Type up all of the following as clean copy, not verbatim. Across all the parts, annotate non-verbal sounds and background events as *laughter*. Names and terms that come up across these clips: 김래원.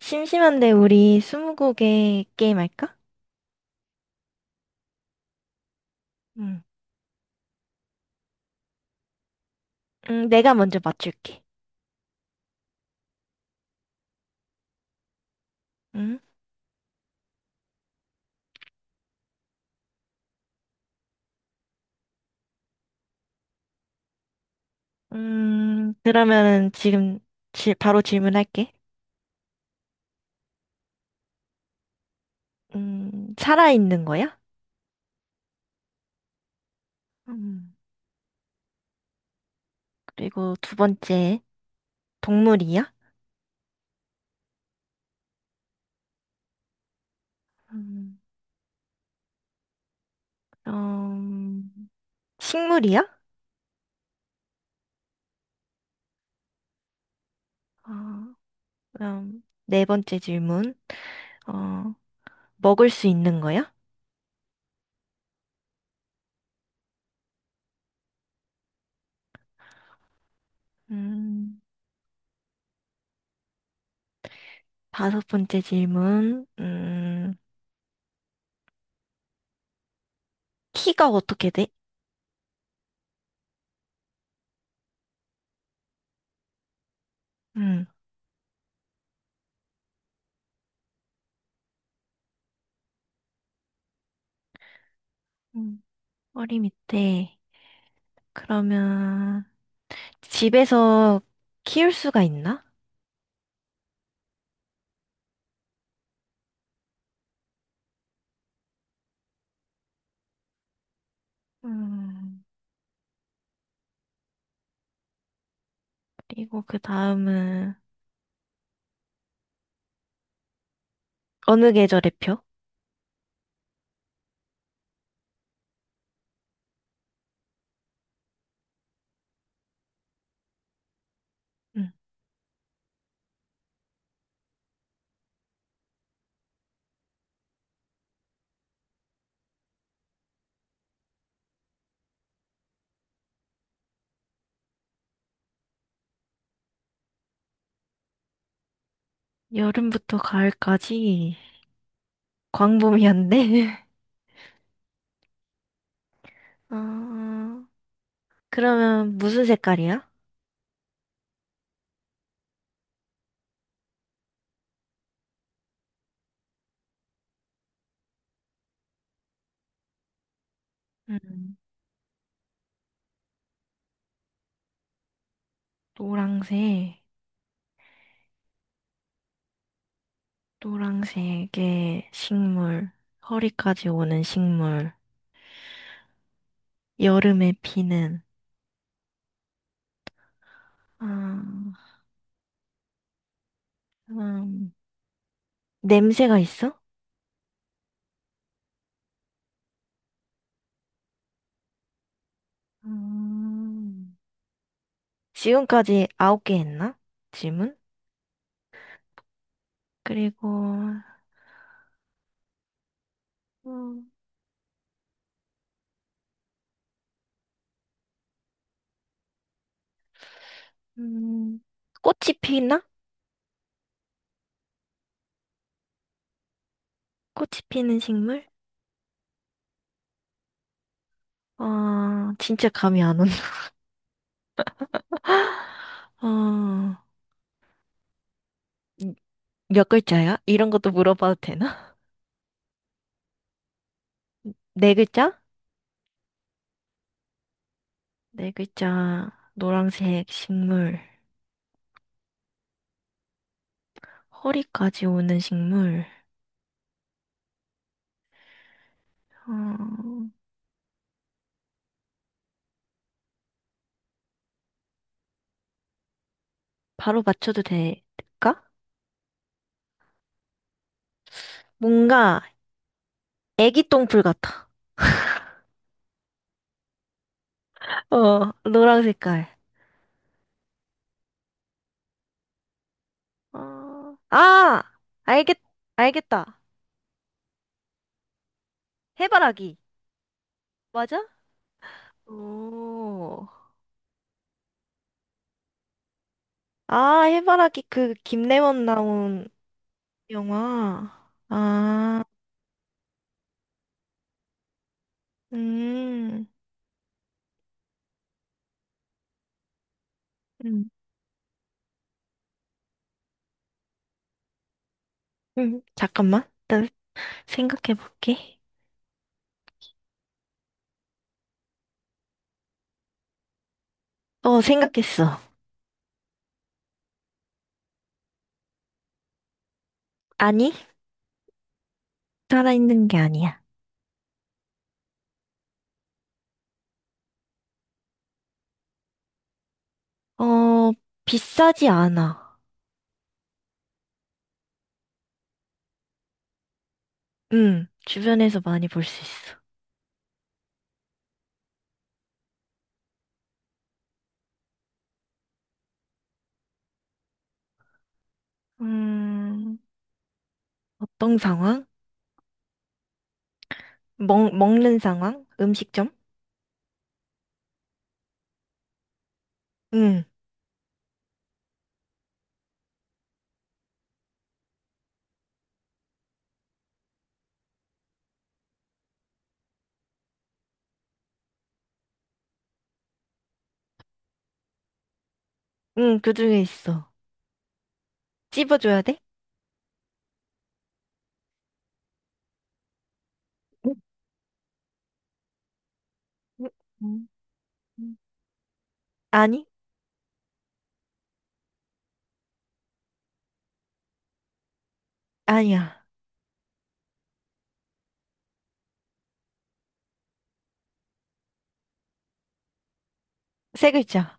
심심한데 우리 스무고개 게임 할까? 응. 응, 내가 먼저 맞출게. 응? 그러면은 지금 바로 질문할게. 살아있는 거야? 음, 그리고 두 번째, 동물이야? 음, 음, 식물이야? 어, 그럼 네 번째 질문. 어, 먹을 수 있는 거야? 음, 다섯 번째 질문. 키가 어떻게 돼? 음. 허리 밑에. 그러면 집에서 키울 수가 있나? 음, 그리고 그 다음은 어느 계절의 표? 음, 여름부터 가을까지 광범위한데. *laughs* 어, 그러면 무슨 색깔이야? 음, 노랑색, 노랑색의 식물, 허리까지 오는 식물, 여름에 피는. 아, 음, 냄새가 있어? 음. 지금까지 아홉 개 했나? 질문? 그리고, 음, 음, 꽃이 피나? 꽃이 피는 식물? 어, 진짜 감이 안 온다. *laughs* 어, 음, 몇 글자야? 이런 것도 물어봐도 되나? *laughs* 네 글자? 네 글자, 노란색 식물, 허리까지 오는 식물, 어, 바로 맞춰도 될까? 뭔가 애기 똥풀 같아. *laughs* 노란 색깔. 아, 아! 알겠, 알겠다. 해바라기. 맞아? 오. 아, 해바라기 그 김래원 나온 영화. 아, 음. 음. 잠깐만. 나 생각해 볼게. 생각했어. 아니, 살아있는 게 아니야. 어, 비싸지 않아. 주변에서 많이 볼 수 있어. 음, 어떤 상황? 먹는 상황? 음식점? 응. 응, 그 중에 있어. 찝어줘야 돼? 응, 응, 응 응. 아니? 아니야. 세 글자.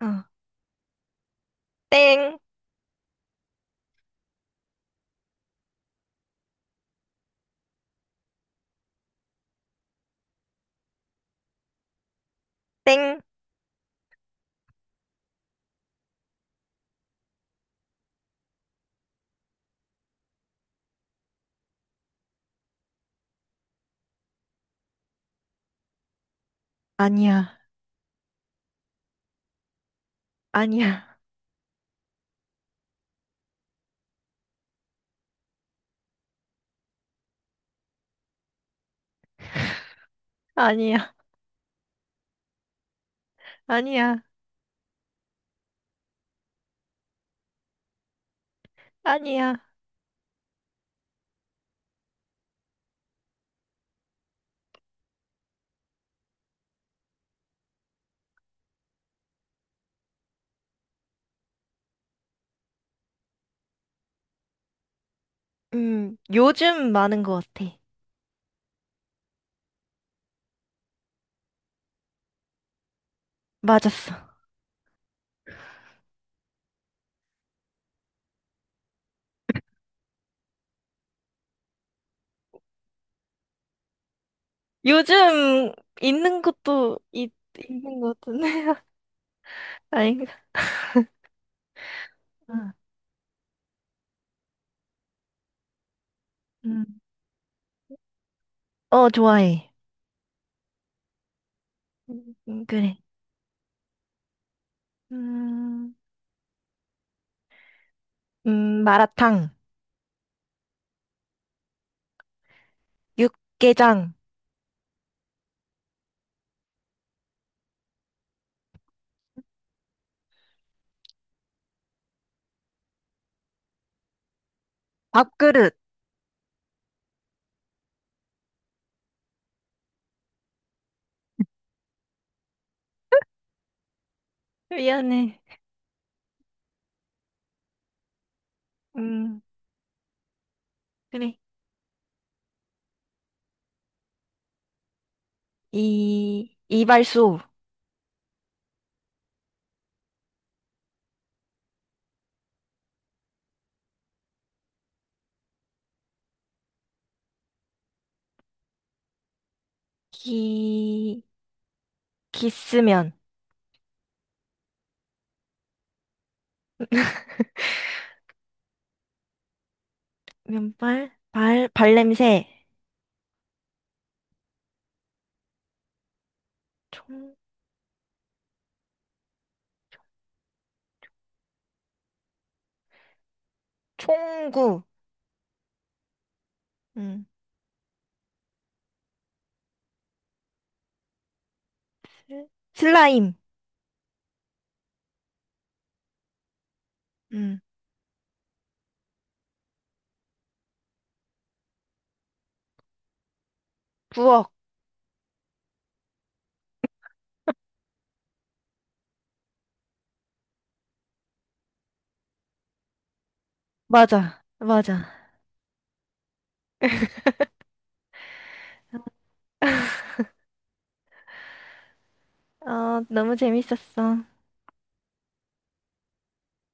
어. 땡, 땡. 아니야. 아니야. 아니야. 아니야. 아니야. 요즘 많은 것 같아. 맞았어. 요즘 있는 것도 있, 있는 것 같은데. *laughs* 아닌가? 응 음. 어, 좋아해. 그래. 음, 마라탕, 육개장, 밥그릇. 미안해. 음. 그래. 이발소. 기, 기스면. 면발, 발, 발냄새. 총, 총구. 음. 슬- 슬라임. 음. 부엌. 맞아. 맞아. 어, 너무 재밌었어.